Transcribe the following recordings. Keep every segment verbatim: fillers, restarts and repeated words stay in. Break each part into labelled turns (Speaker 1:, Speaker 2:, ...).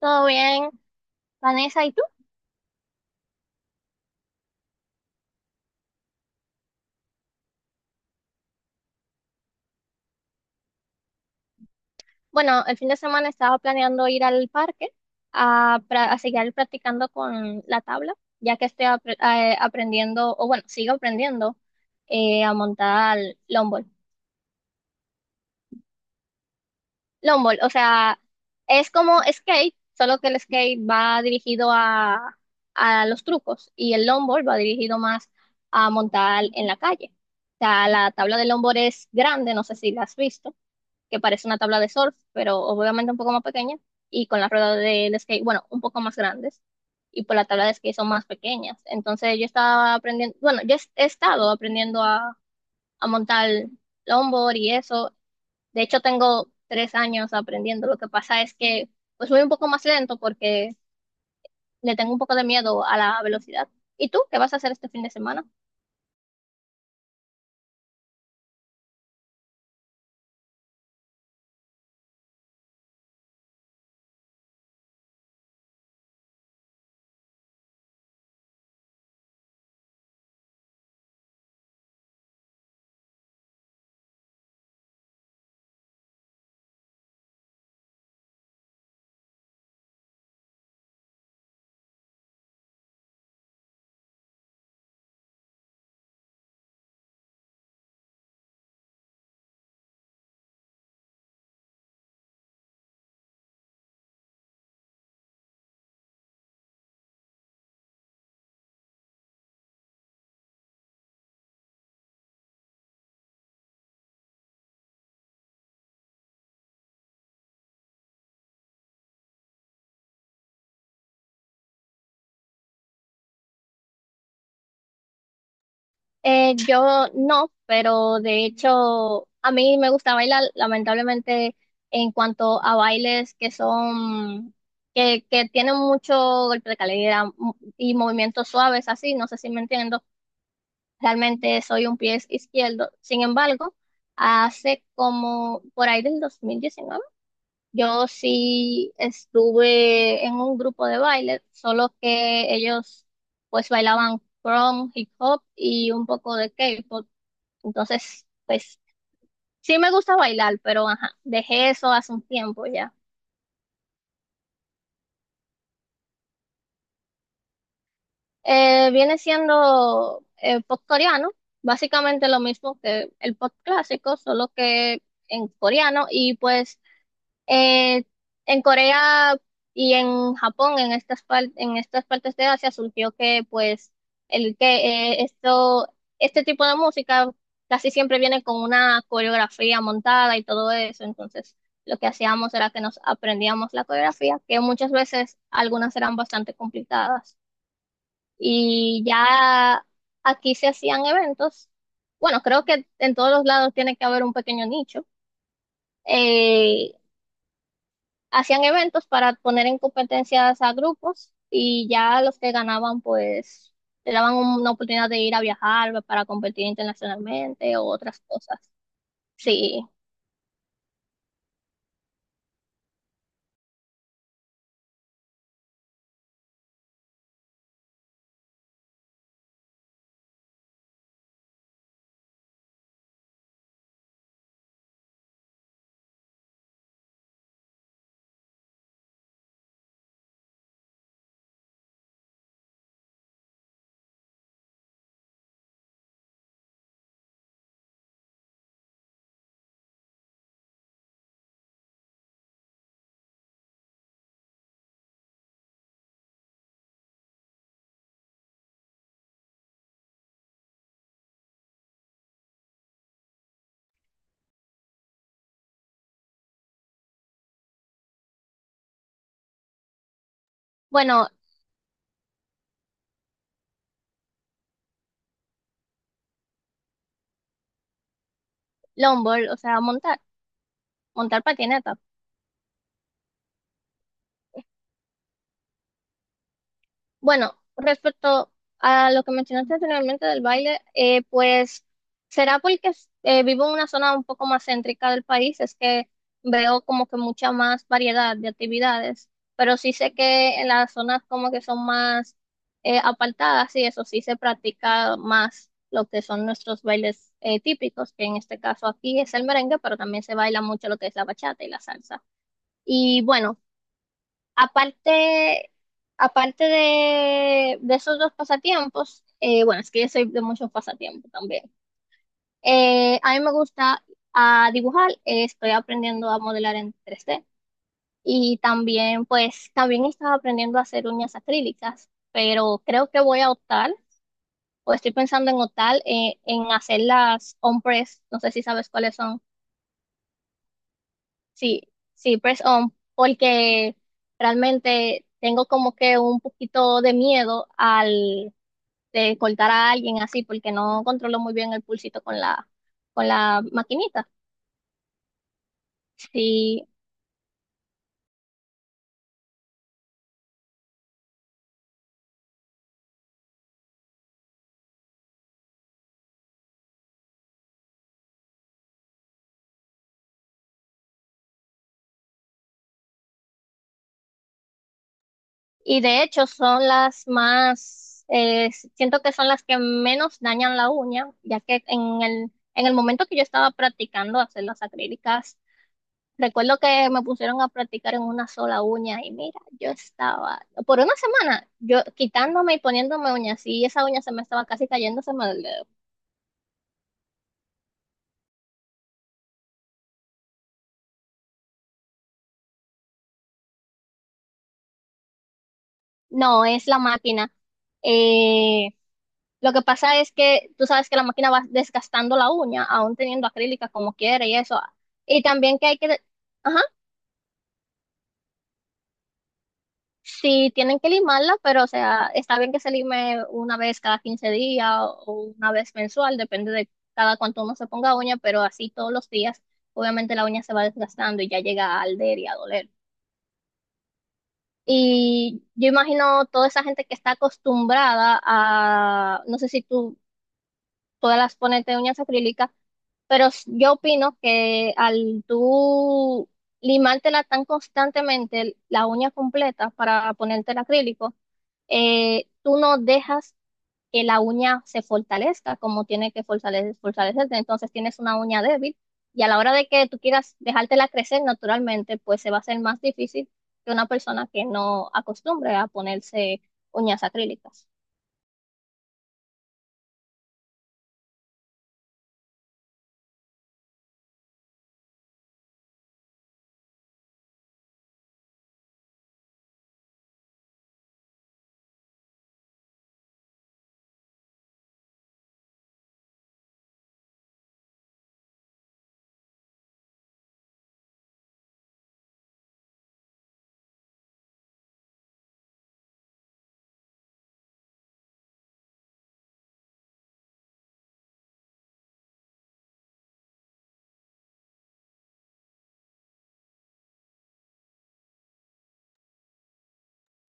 Speaker 1: ¿Todo bien, Vanessa? ¿Y tú? Bueno, el fin de semana estaba planeando ir al parque a, pra- a seguir practicando con la tabla, ya que estoy apre- eh, aprendiendo, o bueno, sigo aprendiendo eh, a montar longboard. Longboard, o sea, es como skate, solo que el skate va dirigido a, a los trucos y el longboard va dirigido más a montar en la calle. O sea, la tabla de longboard es grande, no sé si la has visto que parece una tabla de surf, pero obviamente un poco más pequeña, y con las ruedas del skate, bueno, un poco más grandes, y pues las tablas de skate son más pequeñas. Entonces yo estaba aprendiendo, bueno, yo he he estado aprendiendo a, a montar longboard y eso. De hecho, tengo tres años aprendiendo. Lo que pasa es que pues voy un poco más lento porque le tengo un poco de miedo a la velocidad. ¿Y tú qué vas a hacer este fin de semana? Eh, yo no, pero de hecho a mí me gusta bailar, lamentablemente en cuanto a bailes que son, que, que tienen mucho golpe de calidad mu- y movimientos suaves así, no sé si me entiendo, realmente soy un pie izquierdo. Sin embargo, hace como por ahí del dos mil diecinueve yo sí estuve en un grupo de baile, solo que ellos pues bailaban prom, hip hop y un poco de K-pop. Entonces, pues sí me gusta bailar, pero ajá, dejé eso hace un tiempo ya. Eh, viene siendo eh, pop coreano, básicamente lo mismo que el pop clásico, solo que en coreano y pues Eh, en Corea y en Japón, en estas, par- en estas partes de Asia, surgió que pues el que eh, esto, este tipo de música casi siempre viene con una coreografía montada y todo eso. Entonces, lo que hacíamos era que nos aprendíamos la coreografía, que muchas veces algunas eran bastante complicadas. Y ya aquí se hacían eventos. Bueno, creo que en todos los lados tiene que haber un pequeño nicho Eh, Hacían eventos para poner en competencias a grupos y ya los que ganaban pues le daban un- una oportunidad de ir a viajar para competir internacionalmente o otras cosas. Sí. Bueno, longboard, o sea, montar, montar patineta. Bueno, respecto a lo que mencionaste anteriormente del baile, eh, pues será porque eh, vivo en una zona un poco más céntrica del país, es que veo como que mucha más variedad de actividades, pero sí sé que en las zonas como que son más eh, apartadas y eso sí se practica más lo que son nuestros bailes eh, típicos, que en este caso aquí es el merengue, pero también se baila mucho lo que es la bachata y la salsa. Y bueno. Aparte, aparte de, de esos dos pasatiempos, eh, bueno, es que yo soy de muchos pasatiempos también. Eh, a mí me gusta ah, dibujar, eh, estoy aprendiendo a modelar en tres d y también, pues, también estaba aprendiendo a hacer uñas acrílicas, pero creo que voy a optar, o estoy pensando en optar eh, en hacer las on press, no sé si sabes cuáles son. Sí, sí, press on, porque realmente tengo como que un poquito de miedo al de cortar a alguien así, porque no controlo muy bien el pulsito con la, con la maquinita. Sí, y de hecho son las más, eh, siento que son las que menos dañan la uña, ya que en el, en el momento que yo estaba practicando hacer las acrílicas, recuerdo que me pusieron a practicar en una sola uña y mira, yo estaba, por una semana, yo quitándome y poniéndome uñas y esa uña se me estaba casi cayéndoseme del dedo. No, es la máquina. Eh, lo que pasa es que tú sabes que la máquina va desgastando la uña, aún teniendo acrílica como quiere y eso. Y también que hay que... Ajá. Sí, tienen que limarla, pero o sea, está bien que se lime una vez cada quince días o o una vez mensual, depende de cada cuánto uno se ponga uña, pero así todos los días, obviamente la uña se va desgastando y ya llega a alder y a doler. Y yo imagino toda esa gente que está acostumbrada a, no sé si tú todas las pones de uñas acrílicas, pero s- yo opino que al tú limártela tan constantemente la uña completa para ponerte el acrílico, eh, tú no dejas que la uña se fortalezca como tiene que fortalecer, fortalecerse. Entonces tienes una uña débil y a la hora de que tú quieras dejártela crecer naturalmente, pues se va a hacer más difícil que una persona que no acostumbre a ponerse uñas acrílicas.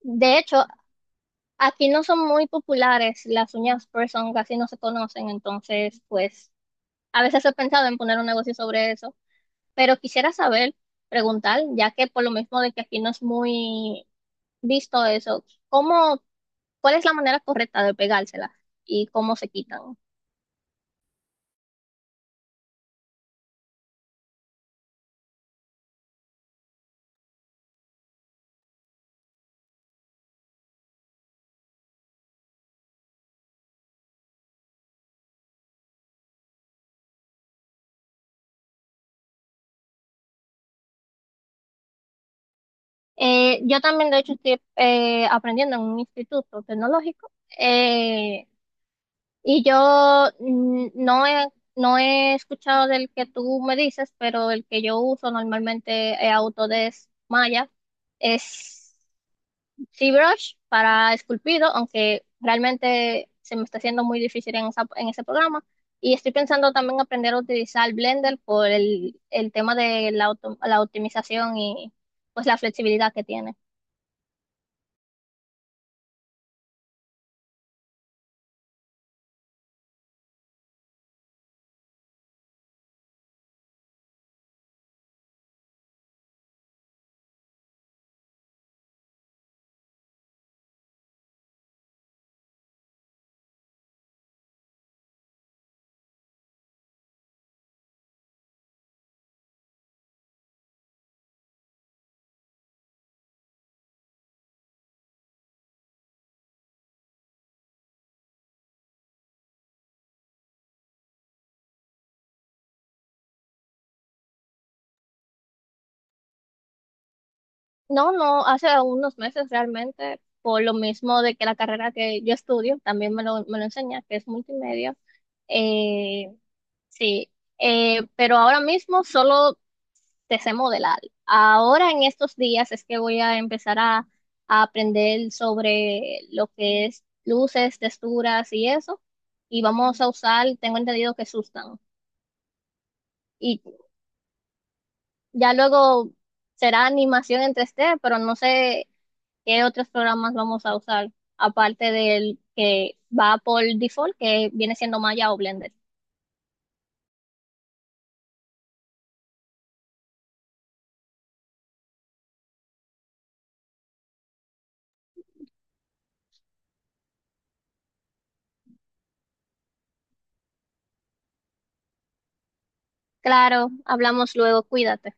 Speaker 1: De hecho, aquí no son muy populares las uñas person, casi no se conocen, entonces pues a veces he pensado en poner un negocio sobre eso, pero quisiera saber, preguntar, ya que por lo mismo de que aquí no es muy visto eso, ¿cómo, cuál es la manera correcta de pegársela y cómo se quitan? Eh, yo también, de hecho, estoy eh, aprendiendo en un instituto tecnológico eh, y yo mm, no he, no he escuchado del que tú me dices, pero el que yo uso normalmente es Autodesk Maya. Es ZBrush para esculpido, aunque realmente se me está haciendo muy difícil en, esa- en ese programa. Y estoy pensando también aprender a utilizar Blender por el, el tema de la, auto- la optimización y pues la flexibilidad que tiene. No, no, hace unos meses realmente, por lo mismo de que la carrera que yo estudio también me lo, me lo enseña, que es multimedia. Eh, sí, eh, pero ahora mismo solo te sé modelar. Ahora en estos días es que voy a empezar a, a aprender sobre lo que es luces, texturas y eso. Y vamos a usar, tengo entendido que sustan. Y ya luego será animación en tres D, pero no sé ¿Qué otros programas vamos a usar aparte del que va por default, que viene siendo Maya o Blender? Claro, hablamos luego, cuídate.